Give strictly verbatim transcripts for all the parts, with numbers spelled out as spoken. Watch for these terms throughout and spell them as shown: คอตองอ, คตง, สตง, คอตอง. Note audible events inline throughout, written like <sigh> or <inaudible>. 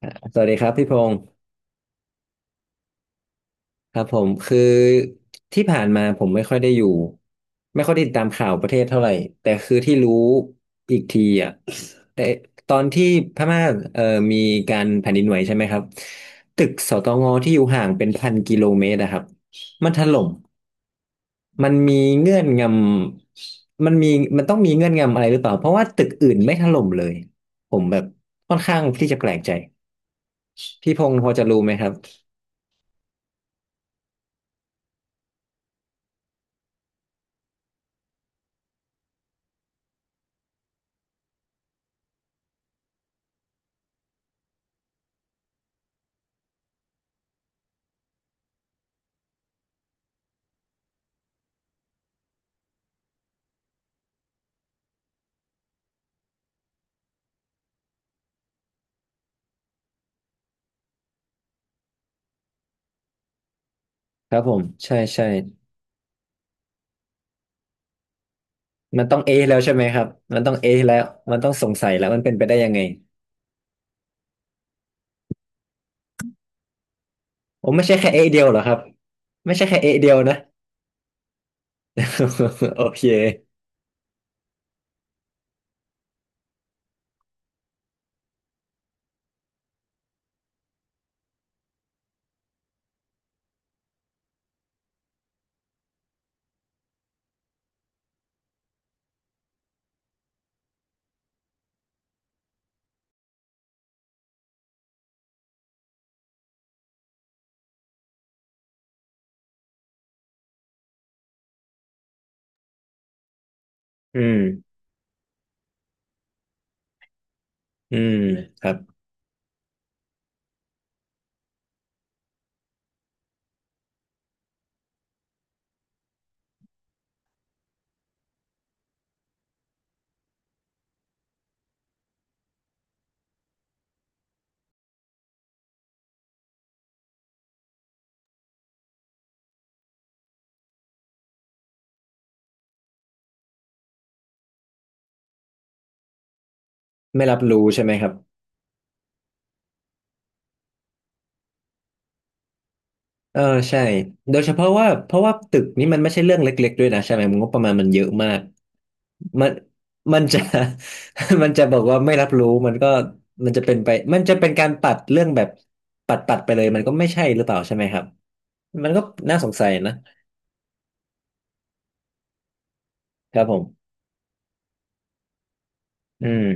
อ่ะสวัสดีครับพี่พงศ์ครับผมคือที่ผ่านมาผมไม่ค่อยได้อยู่ไม่ค่อยได้ติดตามข่าวประเทศเท่าไหร่แต่คือที่รู้อีกทีอ่ะแต่ตอนที่พม่าเอ่อมีการแผ่นดินไหวใช่ไหมครับตึกสตงที่อยู่ห่างเป็นพันกิโลเมตรอะครับมันถล่มมันมีเงื่อนงำมันมีมันต้องมีเงื่อนงำอะไรหรือเปล่าเพราะว่าตึกอื่นไม่ถล่มเลยผมแบบค่อนข้างที่จะแปลกใจพี่พงศ์พอจะรู้ไหมครับ ครับผมใช่ใช่มันต้องเอแล้วใช่ไหมครับมันต้องเอแล้วมันต้องสงสัยแล้วมันเป็นไปได้ยังไงผมไม่ใช่แค่เอเดียวเหรอครับไม่ใช่แค่เอเดียวนะ <laughs> โอเคอืมอืมครับไม่รับรู้ใช่ไหมครับ เออใช่โดยเฉพาะว่าเพราะว่าตึกนี้มันไม่ใช่เรื่องเล็กๆด้วยนะใช่ไหมงบประมาณมันเยอะมากมันมันจะ <laughs> มันจะบอกว่าไม่รับรู้มันก็มันจะเป็นไปมันจะเป็นการปัดเรื่องแบบปัดปัดไปเลยมันก็ไม่ใช่หรือเปล่าใช่ไหมครับมันก็น่าสงสัยนะครับผมอืม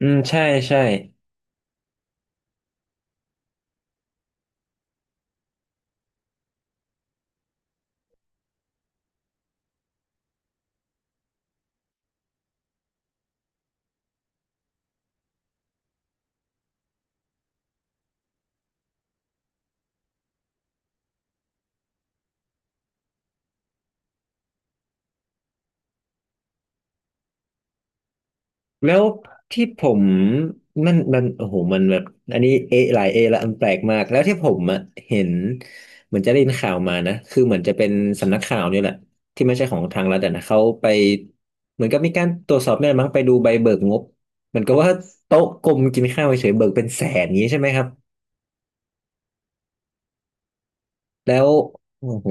อืมใช่ใช่ แล้วที่ผมมันมันโอ้โหมันแบบอันนี้เอหลายเอละมันแปลกมากแล้วที่ผมอะเห็นเหมือนจะได้ยินข่าวมานะคือเหมือนจะเป็นสำนักข่าวนี่แหละที่ไม่ใช่ของทางรัฐอะนะเขาไปเหมือนกับมีการตรวจสอบเนี่ยมั้งไปดูใบเบิกงบเหมือนกับว่าโต๊ะกลมกินข้าวเฉยๆเบิกเป็นแสนอย่างนี้ใช่ไหมครับแล้วโอ้โห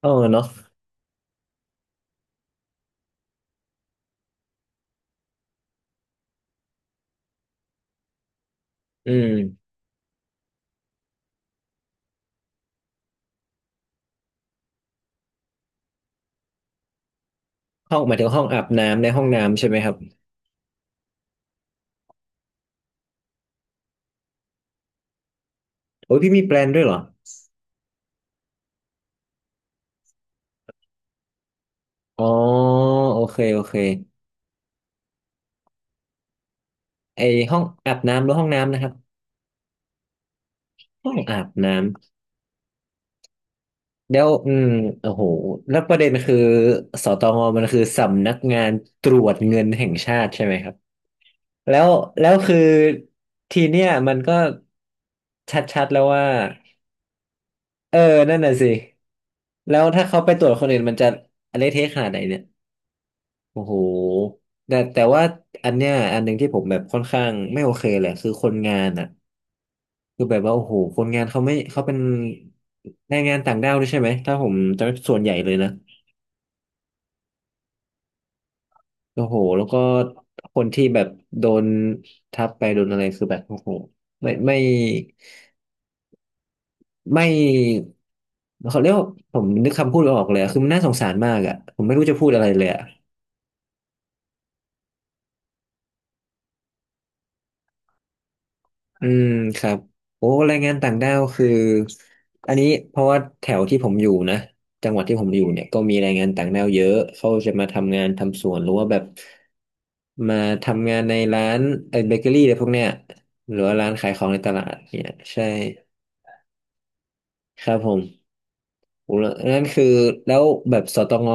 เออเนาะอืมห้องหมายถึงห้องอาบน้ำในห้องน้ำใช่ไหมครับโอ้ยพี่มีแปลนด้วยเหรออ๋อโอเคโอเค ไอห้องอาบน้ำหรือห้องน้ำนะครับห้องอาบน้ำแล้วอืมโอ้โหแล้วประเด็นคือสตงมันคือสำนักงานตรวจเงินแห่งชาติใช่ไหมครับแล้วแล้วคือทีเนี้ยมันก็ชัดๆแล้วว่าเออนั่นน่ะสิแล้วถ้าเขาไปตรวจคนอื่นมันจะอะไรเทะขนาดไหนเนี่ยโอ้โหแต่แต่ว่าอันเนี้ยอันหนึ่งที่ผมแบบค่อนข้างไม่โอเคเลยคือคนงานอ่ะ คือแบบว่าโอ้โหคนงานเขาไม่เขาเป็นแรงงานต่างด้าวด้วยใช่ไหมถ้าผมจำไม่ผิดส่วนใหญ่เลยนะโอ้โหแล้วก็คนที่แบบโดนทับไปโดนอะไรคือแบบโอ้โหไม่ไม่ไม่เขาเรียกว่าผมนึกคำพูดไม่ออกเลยอะคือมันน่าสงสารมากอ่ะผมไม่รู้จะพูดอะไรเลยอ่ะ อืมครับโอ้แรงงานต่างด้าวคืออันนี้เพราะว่าแถวที่ผมอยู่นะจังหวัดที่ผมอยู่เนี่ยก็มีแรงงานต่างด้าวเยอะเขาจะมาทำงานทำสวนหรือว่าแบบมาทำงานในร้านเออเบเกอรี่อะไรพวกเนี้ยหรือว่าร้านขายของในตลาดเนี่ยใช่ครับผมโอ้แล้วนั่นคือแล้วแบบสตง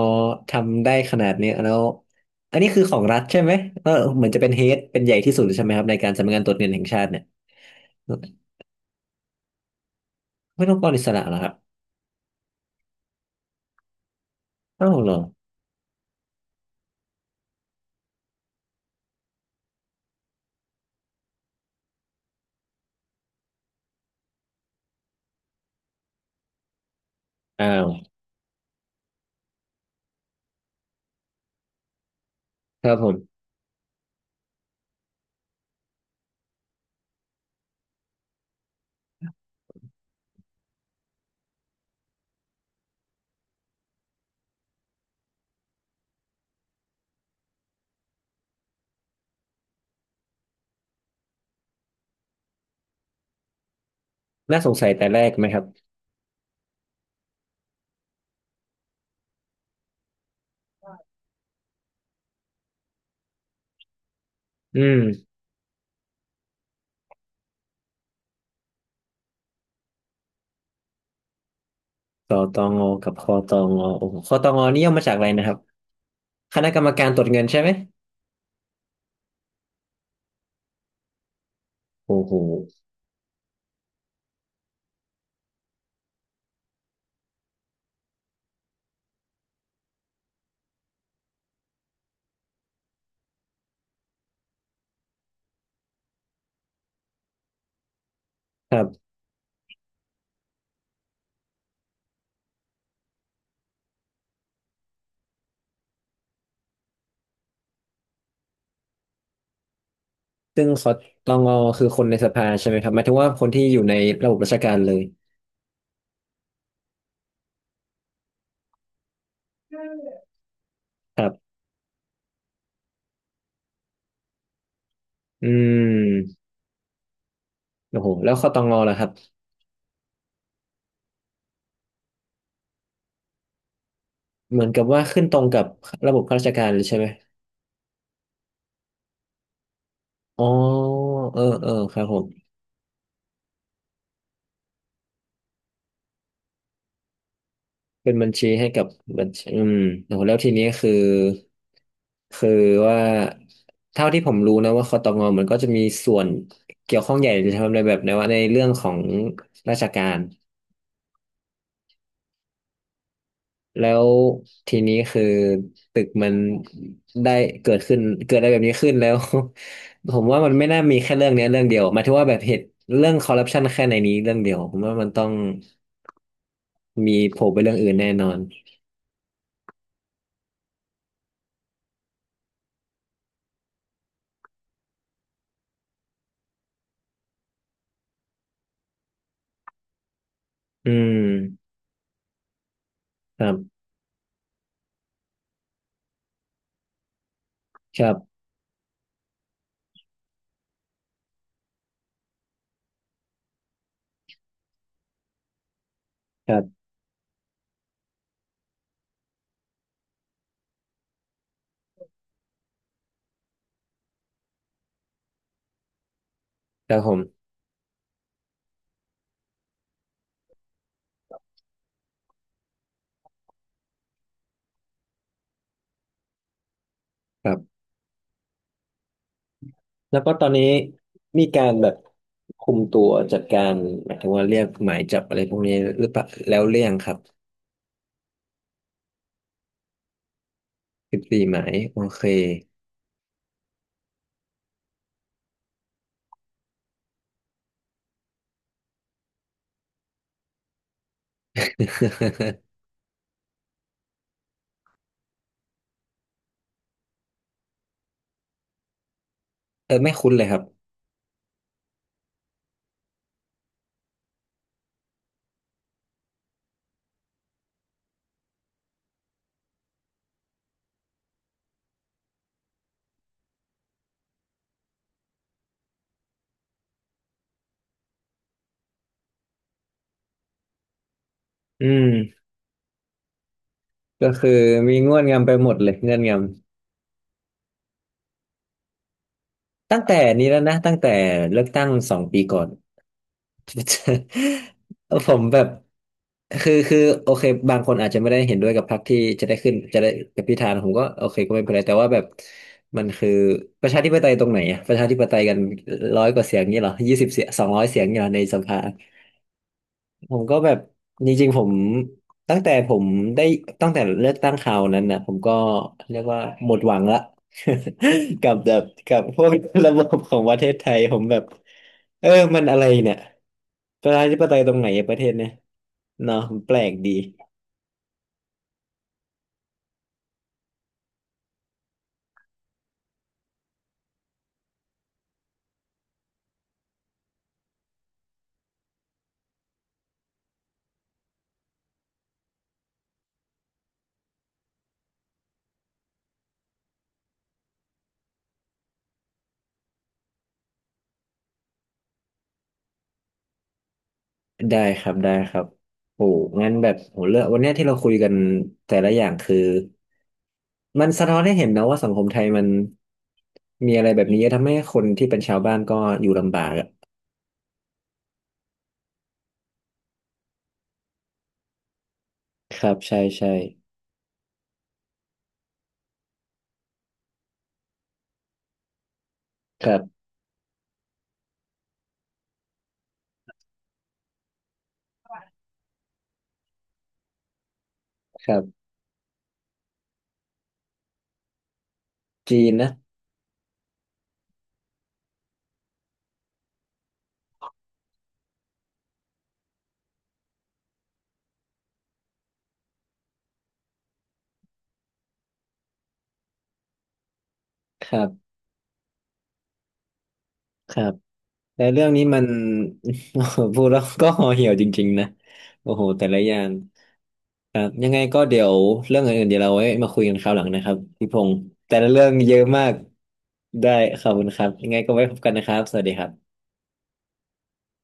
ทำได้ขนาดเนี้ยแล้วอันนี้คือของรัฐใช่ไหมเออเหมือนจะเป็นเฮดเป็นใหญ่ที่สุดใช่ไหมครับในการสำนักงานตรวจเงินแห่งชาติเนี่ยไม่ต้องกรอิสระเหรอครับ อ้าวเหรออ้าวครับผมน่าสงสัยแต่แรกไหมครับอืมตอตองอกับคอตองอโอ้โหคอตองนี่ย่อมาจากอะไรนะครับ คณะกรรมการตรวจเงินใช่ไหมโอ้โหครับซึ่งคอตองคือคนในสภาใช่ไหมครับหมายถึงว่าคนที่อยู่ในระบบราชการเลยครับอืมโอ้โหแล้วคอตองอล่ะครับ เหมือนกับว่าขึ้นตรงกับระบบข้าราชการเลยใช่ไหมอ๋อเออเออครับผม เป็นบัญชีให้กับบัญชีอืมโอ้โหแล้วทีนี้คือคือว่าเท่าที่ผมรู้นะว่าคตงมันก็จะมีส่วนเกี่ยวข้องใหญ่จะทำในแบบในว่าในเรื่องของราชการแล้วทีนี้คือตึกมันได้เกิดขึ้นเกิดอะไรแบบนี้ขึ้นแล้ว <laughs> ผมว่ามันไม่น่ามีแค่เรื่องเนี้ยเรื่องเดียวหมายถึงว่าแบบเหตุเรื่องคอร์รัปชันแค่ในนี้เรื่องเดียวผมว่ามันต้องมีโผล่ไปเรื่องอื่นแน่นอนอืมครับครับครับครับผมครับ แล้วก็ตอนนี้มีการแบบคุมตัวจัดการหมายถึงว่าเรียกหมายจับอะไรพวกนี้หรือเปล่าแล้วเรียงครับสิบสี่หมายโอเคเออไม่คุ้นเลยครับอืมก็คือมีเงื่อนงำไปหมดเลยเงื่อนงำตั้งแต่นี้แล้วนะตั้งแต่เลือกตั้งสองปีก่อน <laughs> ผมแบบคือคือโอเคบางคนอาจจะไม่ได้เห็นด้วยกับพรรคที่จะได้ขึ้นจะได้กับพิธานะผมก็โอเคก็ไม่เป็นไรแต่ว่าแบบมันคือประชาธิปไตยตรงไหนอะประชาธิปไตยกันร้อยกว่าเสียงนี้เหรอยี่สิบเสียงสองร้อยเสียงนี้เหรอในสภา ผมก็แบบจริงๆผมตั้งแต่ผมได้ตั้งแต่เลือกตั้งคราวนั้นนะผมก็เรียกว่าหมดหวังละ <laughs> กับแบบกับพวกระบบของประเทศไทยผมแบบเออมันอะไรเนี่ยประชาธิปไตยตรงไหนอะประเทศเนี่ยเนาะมันแปลกดีได้ครับได้ครับโอ้งั้นแบบโหเลือกวันเนี้ยที่เราคุยกันแต่ละอย่างคือมันสะท้อนให้เห็นนะว่าสังคมไทยมันมีอะไรแบบนี้เยอะทำให้คนที่เป็นชาวบ้านก็อยู่ลำบากอะ ครับใช่ใช่ครับครับจีนนะครับครับแต่เรื่องนี้มัน <laughs> โอ้โหพูดแล้วก็ห่อเหี่ยวจริงๆนะโอ้โหแต่ละอย่างครับยังไงก็เดี๋ยวเรื่องอื่นๆเดี๋ยวเราไว้มาคุยกันคราวหลังนะครับพี่พงศ์แต่ละเรื่องเยอะมากได้ขอบคุณครับยังไงก็ไว้พบกันนะครับสวัสดีครับ